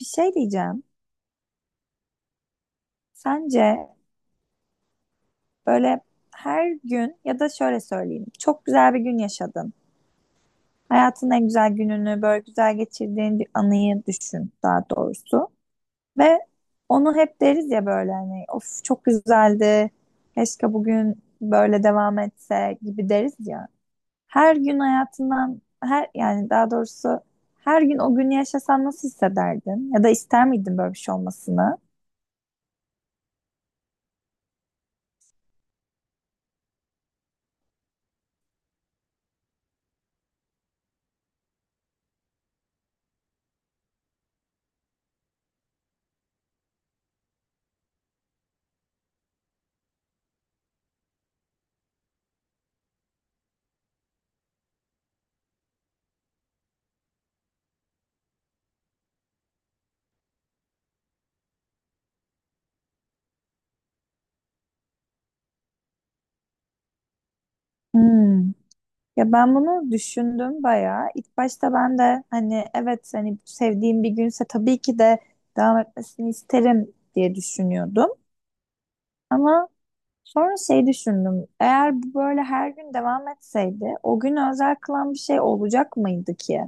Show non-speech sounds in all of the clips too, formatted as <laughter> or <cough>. Bir şey diyeceğim. Sence böyle her gün ya da şöyle söyleyeyim. Çok güzel bir gün yaşadın. Hayatın en güzel gününü böyle güzel geçirdiğin bir anıyı düşün, daha doğrusu. Ve onu hep deriz ya, böyle hani of, çok güzeldi. Keşke bugün böyle devam etse gibi deriz ya. Her gün hayatından her, yani daha doğrusu her gün o günü yaşasan nasıl hissederdin? Ya da ister miydin böyle bir şey olmasını? Hmm. Ya ben bunu düşündüm bayağı. İlk başta ben de hani evet, hani sevdiğim bir günse tabii ki de devam etmesini isterim diye düşünüyordum. Ama sonra şey düşündüm. Eğer bu böyle her gün devam etseydi o gün özel kılan bir şey olacak mıydı ki?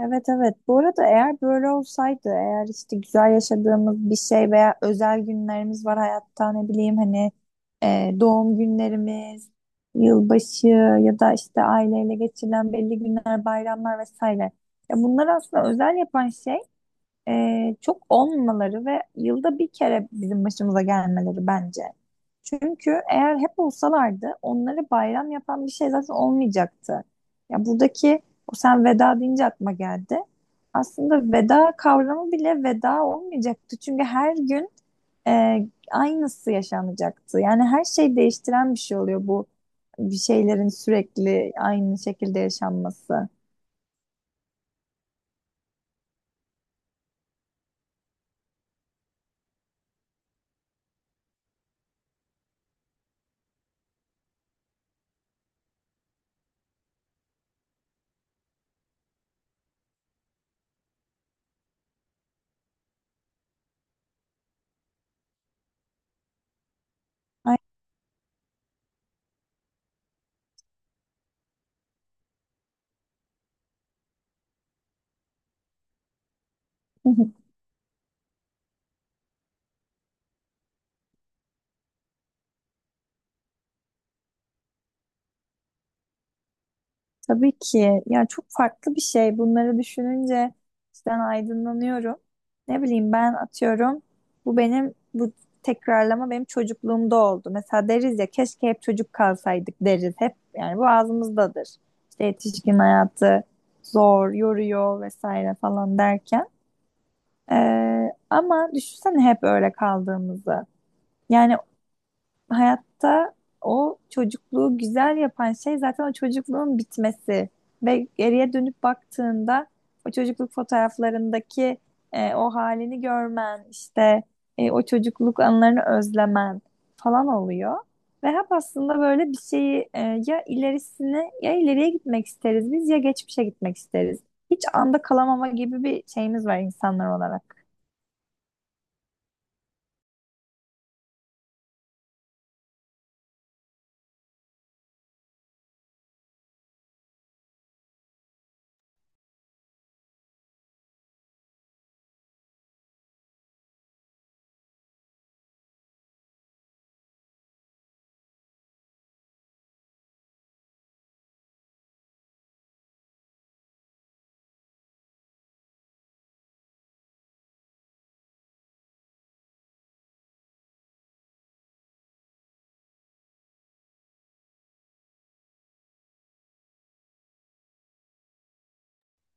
Evet, evet. Bu arada eğer böyle olsaydı, eğer işte güzel yaşadığımız bir şey veya özel günlerimiz var hayatta, ne bileyim, hani doğum günlerimiz, yılbaşı ya da işte aileyle geçirilen belli günler, bayramlar vesaire. Ya bunlar aslında özel yapan şey, çok olmamaları ve yılda bir kere bizim başımıza gelmeleri bence. Çünkü eğer hep olsalardı onları bayram yapan bir şey zaten olmayacaktı. Ya buradaki, o sen veda deyince aklıma geldi. Aslında veda kavramı bile veda olmayacaktı. Çünkü her gün e, aynısı yaşanacaktı. Yani her şey değiştiren bir şey oluyor bu, bir şeylerin sürekli aynı şekilde yaşanması. Ay- <laughs> Tabii ki. Yani çok farklı bir şey. Bunları düşününce cidden aydınlanıyorum. Ne bileyim, ben atıyorum. Bu benim, bu tekrarlama benim çocukluğumda oldu. Mesela deriz ya, keşke hep çocuk kalsaydık deriz. Hep, yani bu ağzımızdadır. İşte yetişkin hayatı zor, yoruyor vesaire falan derken. Ama düşünsene hep öyle kaldığımızı. Yani hayatta o çocukluğu güzel yapan şey zaten o çocukluğun bitmesi. Ve geriye dönüp baktığında o çocukluk fotoğraflarındaki o halini görmen, işte o çocukluk anılarını özlemen falan oluyor. Ve hep aslında böyle bir şeyi, ya ilerisine ya ileriye gitmek isteriz biz, ya geçmişe gitmek isteriz. Hiç anda kalamama gibi bir şeyimiz var insanlar olarak.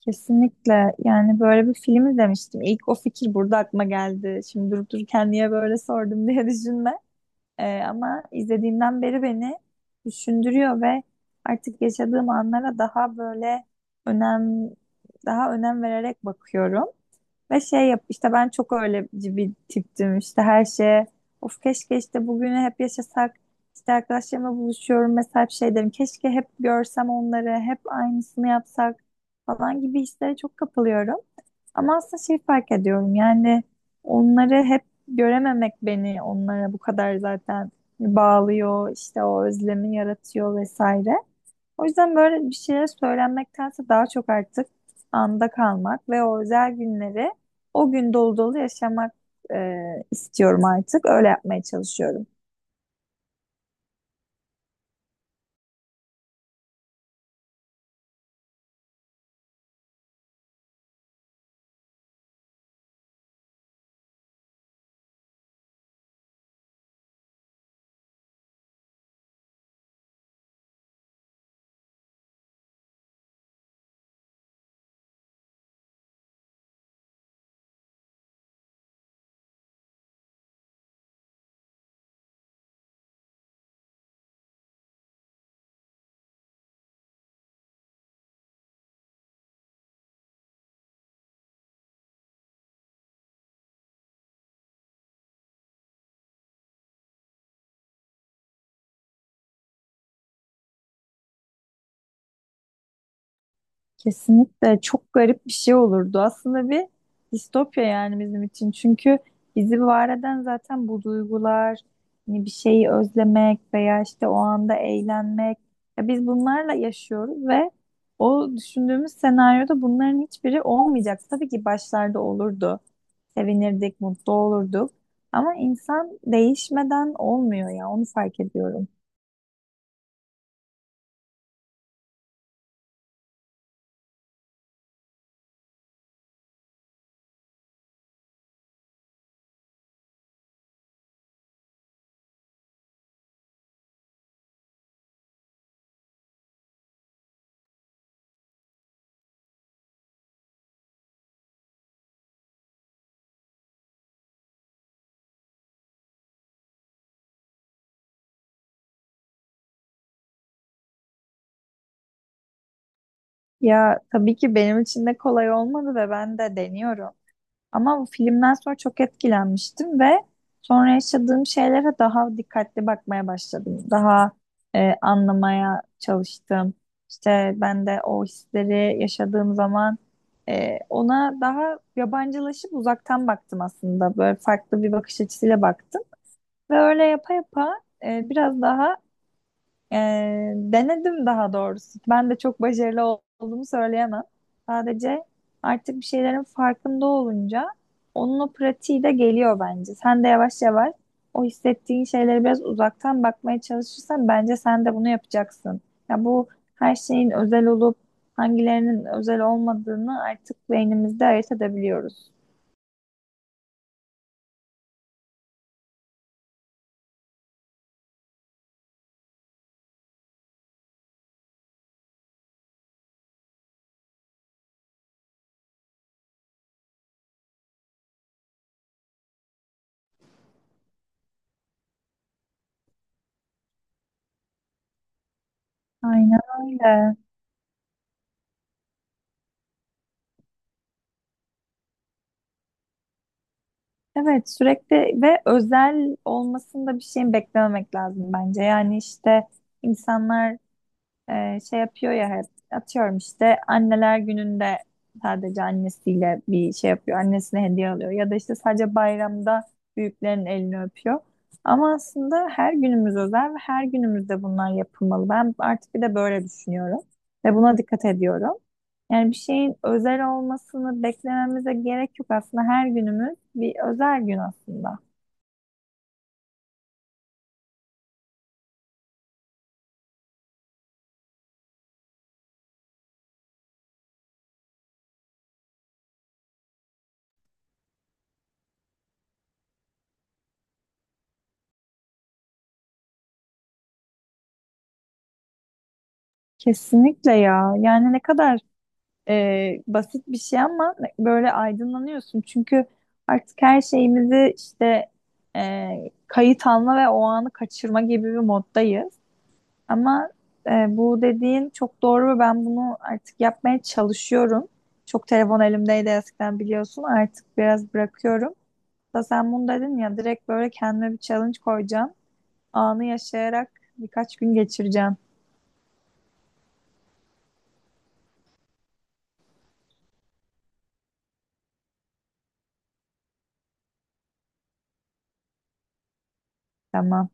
Kesinlikle. Yani böyle bir film izlemiştim. İlk o fikir burada aklıma geldi. Şimdi durup dururken niye böyle sordum <laughs> diye düşünme. Ama izlediğimden beri beni düşündürüyor ve artık yaşadığım anlara daha böyle önem daha önem vererek bakıyorum. Ve şey yap, işte ben çok öyle bir tiptim, işte her şeye of, keşke işte bugünü hep yaşasak, işte arkadaşlarımla buluşuyorum mesela, hep şey derim keşke hep görsem onları, hep aynısını yapsak falan gibi hislere çok kapılıyorum. Ama aslında şey fark ediyorum, yani onları hep görememek beni onlara bu kadar zaten bağlıyor, işte o özlemi yaratıyor vesaire. O yüzden böyle bir şeyler söylenmektense daha çok artık anda kalmak ve o özel günleri o gün dolu dolu yaşamak, e, istiyorum artık. Öyle yapmaya çalışıyorum. Kesinlikle çok garip bir şey olurdu. Aslında bir distopya yani bizim için. Çünkü bizi var eden zaten bu duygular, hani bir şeyi özlemek veya işte o anda eğlenmek. Ya biz bunlarla yaşıyoruz ve o düşündüğümüz senaryoda bunların hiçbiri olmayacak. Tabii ki başlarda olurdu. Sevinirdik, mutlu olurduk. Ama insan değişmeden olmuyor ya, onu fark ediyorum. Ya tabii ki benim için de kolay olmadı ve ben de deniyorum. Ama bu filmden sonra çok etkilenmiştim ve sonra yaşadığım şeylere daha dikkatli bakmaya başladım. Daha anlamaya çalıştım. İşte ben de o hisleri yaşadığım zaman ona daha yabancılaşıp uzaktan baktım aslında. Böyle farklı bir bakış açısıyla baktım. Ve öyle yapa yapa biraz daha denedim, daha doğrusu. Ben de çok başarılı olduğumu söyleyemem. Sadece artık bir şeylerin farkında olunca onun o pratiği de geliyor bence. Sen de yavaş yavaş o hissettiğin şeylere biraz uzaktan bakmaya çalışırsan bence sen de bunu yapacaksın. Ya bu, her şeyin özel olup hangilerinin özel olmadığını artık beynimizde ayırt edebiliyoruz. Aynen öyle. Evet, sürekli ve özel olmasında bir şeyin beklememek lazım bence. Yani işte insanlar, şey yapıyor ya hep, atıyorum işte anneler gününde sadece annesiyle bir şey yapıyor. Annesine hediye alıyor ya da işte sadece bayramda büyüklerin elini öpüyor. Ama aslında her günümüz özel ve her günümüzde bunlar yapılmalı. Ben artık bir de böyle düşünüyorum ve buna dikkat ediyorum. Yani bir şeyin özel olmasını beklememize gerek yok aslında. Her günümüz bir özel gün aslında. Kesinlikle ya. Yani ne kadar basit bir şey, ama böyle aydınlanıyorsun. Çünkü artık her şeyimizi işte, e, kayıt alma ve o anı kaçırma gibi bir moddayız. Ama e, bu dediğin çok doğru ve ben bunu artık yapmaya çalışıyorum. Çok telefon elimdeydi eskiden, biliyorsun. Artık biraz bırakıyorum. Da sen bunu dedin ya, direkt böyle kendime bir challenge koyacağım. Anı yaşayarak birkaç gün geçireceğim. Tamam.